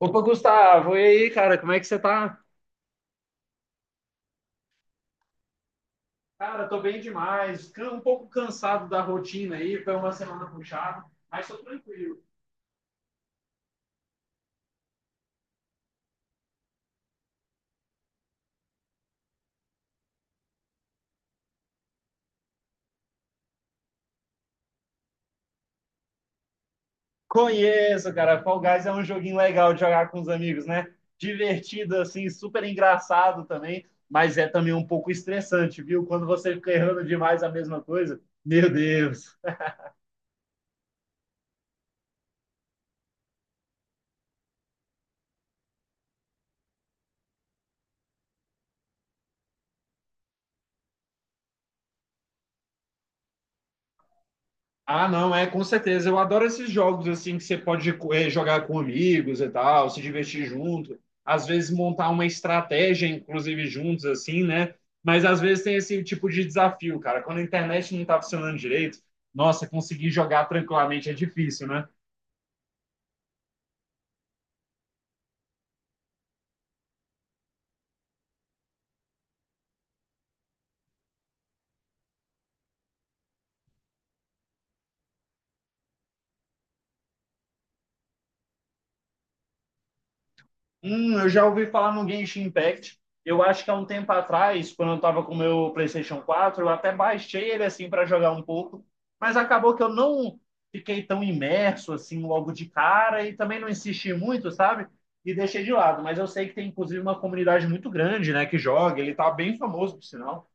Opa, Gustavo, e aí, cara, como é que você tá? Cara, tô bem demais. Um pouco cansado da rotina aí, foi uma semana puxada, mas tô tranquilo. Conheço, cara. Fall Guys é um joguinho legal de jogar com os amigos, né? Divertido, assim, super engraçado também, mas é também um pouco estressante, viu? Quando você fica errando demais a mesma coisa, meu Deus. Ah, não, é, com certeza. Eu adoro esses jogos assim que você pode jogar com amigos e tal, se divertir junto, às vezes montar uma estratégia, inclusive juntos, assim, né? Mas às vezes tem esse tipo de desafio, cara. Quando a internet não tá funcionando direito, nossa, conseguir jogar tranquilamente é difícil, né? Eu já ouvi falar no Genshin Impact. Eu acho que há um tempo atrás, quando eu tava com o meu PlayStation 4, eu até baixei ele assim para jogar um pouco, mas acabou que eu não fiquei tão imerso assim logo de cara e também não insisti muito, sabe? E deixei de lado, mas eu sei que tem inclusive uma comunidade muito grande, né, que joga, ele tá bem famoso, por sinal.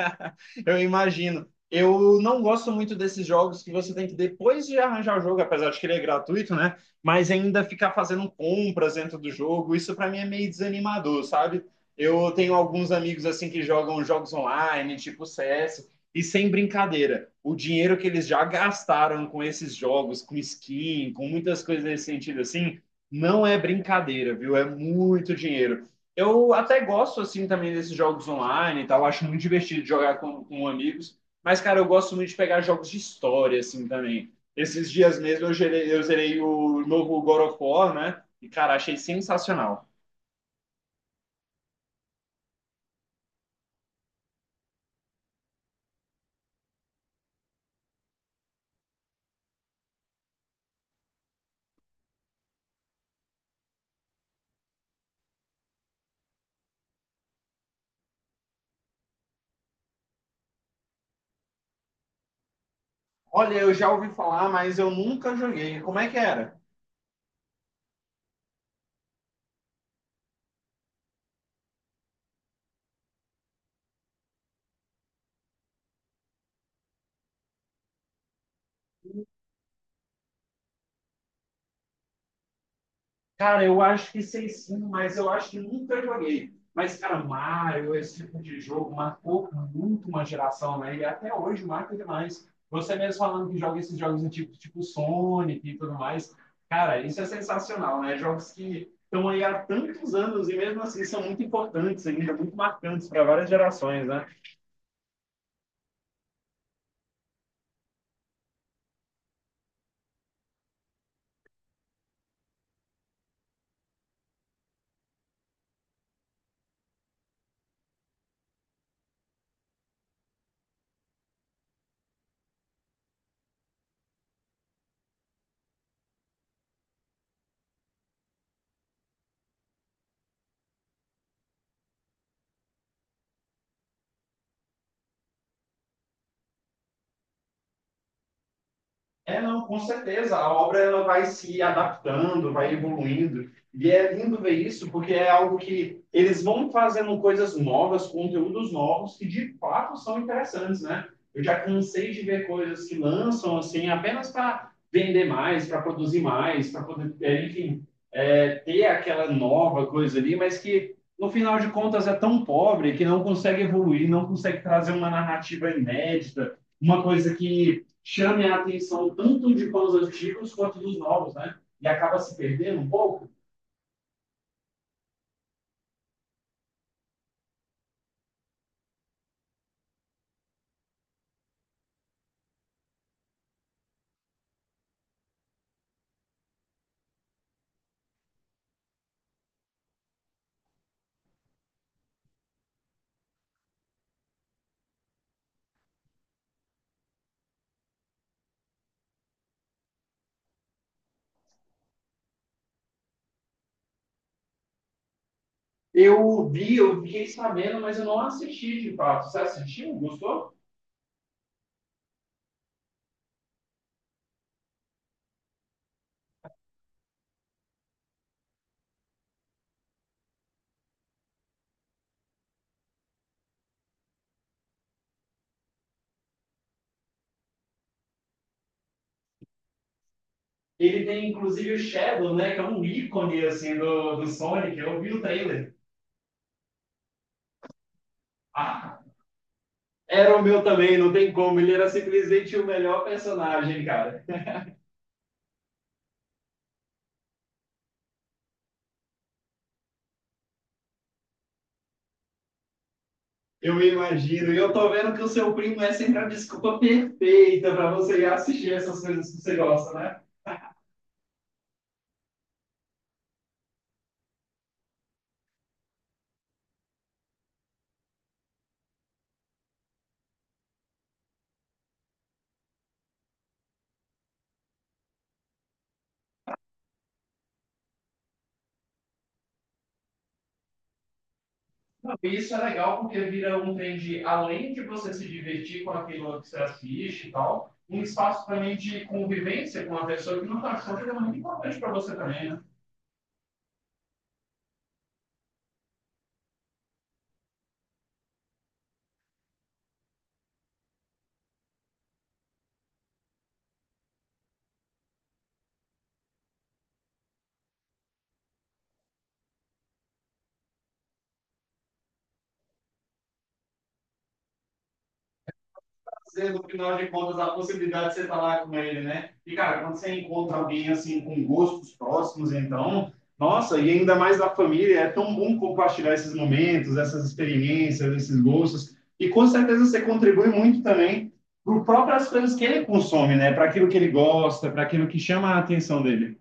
Eu imagino. Eu não gosto muito desses jogos que você tem que, depois de arranjar o jogo, apesar de que ele é gratuito, né? Mas ainda ficar fazendo compras dentro do jogo. Isso para mim é meio desanimador, sabe? Eu tenho alguns amigos assim que jogam jogos online, tipo CS, e sem brincadeira, o dinheiro que eles já gastaram com esses jogos, com skin, com muitas coisas nesse sentido assim, não é brincadeira, viu? É muito dinheiro. Eu até gosto, assim, também desses jogos online e tal. Acho muito divertido jogar com amigos. Mas, cara, eu gosto muito de pegar jogos de história, assim, também. Esses dias mesmo eu zerei o novo God of War, né? E, cara, achei sensacional. Olha, eu já ouvi falar, mas eu nunca joguei. Como é que era? Cara, eu acho que sei sim, mas eu acho que nunca joguei. Mas, cara, Mario, esse tipo de jogo marcou muito uma geração, né? E até hoje marca demais. Você mesmo falando que joga esses jogos antigos, tipo Sonic e tudo mais. Cara, isso é sensacional, né? Jogos que estão aí há tantos anos e mesmo assim são muito importantes ainda, muito marcantes para várias gerações, né? É, não, com certeza. A obra ela vai se adaptando, vai evoluindo. E é lindo ver isso, porque é algo que eles vão fazendo coisas novas, conteúdos novos, que de fato são interessantes, né? Eu já cansei de ver coisas que lançam, assim, apenas para vender mais, para produzir mais, para poder, é, enfim, é, ter aquela nova coisa ali, mas que, no final de contas, é tão pobre que não consegue evoluir, não consegue trazer uma narrativa inédita, uma coisa que chame a atenção tanto de fãs antigos quanto dos novos, né? E acaba se perdendo um pouco. Eu vi, eu fiquei sabendo, mas eu não assisti de fato. Você assistiu? Gostou? Ele tem inclusive o Shadow, né? Que é um ícone assim do, do Sonic. Eu vi o trailer. Ah, era o meu também, não tem como. Ele era simplesmente o melhor personagem, cara. Eu imagino. E eu tô vendo que o seu primo é sempre a desculpa perfeita para você ir assistir essas coisas que você gosta, né? Não, isso é legal porque vira um trend, além de você se divertir com aquilo que você assiste e tal, um espaço também de convivência com uma pessoa que não está achando que é muito importante para você também, né? Trazer, no final de contas, a possibilidade de você estar lá com ele, né? E, cara, quando você encontra alguém, assim, com gostos próximos, então, nossa, e ainda mais da família, é tão bom compartilhar esses momentos, essas experiências, esses gostos. E, com certeza, você contribui muito também para as próprias coisas que ele consome, né? Para aquilo que ele gosta, para aquilo que chama a atenção dele.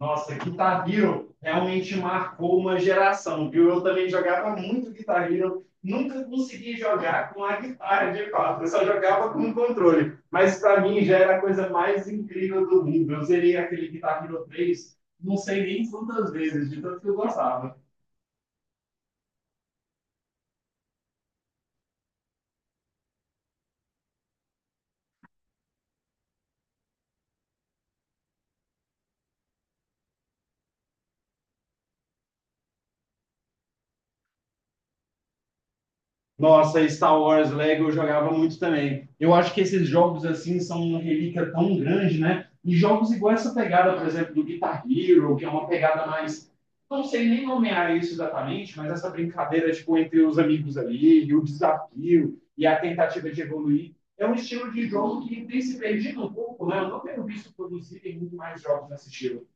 Nossa, Guitar Hero realmente marcou uma geração, viu? Eu também jogava muito Guitar Hero, nunca consegui jogar com a guitarra de fato, eu só jogava com o controle. Mas para mim já era a coisa mais incrível do mundo. Eu zerei aquele Guitar Hero 3, não sei nem quantas vezes, de tanto que eu gostava. Nossa, Star Wars Lego eu jogava muito também. Eu acho que esses jogos assim são uma relíquia tão grande, né? E jogos igual essa pegada, por exemplo, do Guitar Hero, que é uma pegada mais. Não sei nem nomear isso exatamente, mas essa brincadeira tipo, entre os amigos ali, e o desafio, e a tentativa de evoluir. É um estilo de jogo que tem se perdido um pouco, né? Eu não tenho visto produzirem muito mais jogos nesse estilo.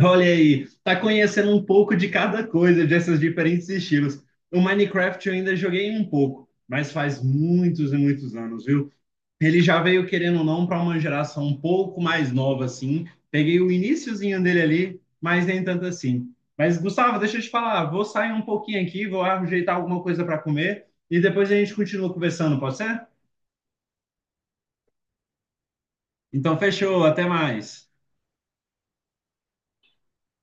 Olha aí, tá conhecendo um pouco de cada coisa, desses diferentes estilos. O Minecraft eu ainda joguei um pouco, mas faz muitos e muitos anos, viu? Ele já veio, querendo ou não, para uma geração um pouco mais nova, assim. Peguei o iniciozinho dele ali, mas nem tanto assim. Mas, Gustavo, deixa eu te falar, vou sair um pouquinho aqui, vou ajeitar alguma coisa para comer e depois a gente continua conversando, pode ser? Então, fechou, até mais.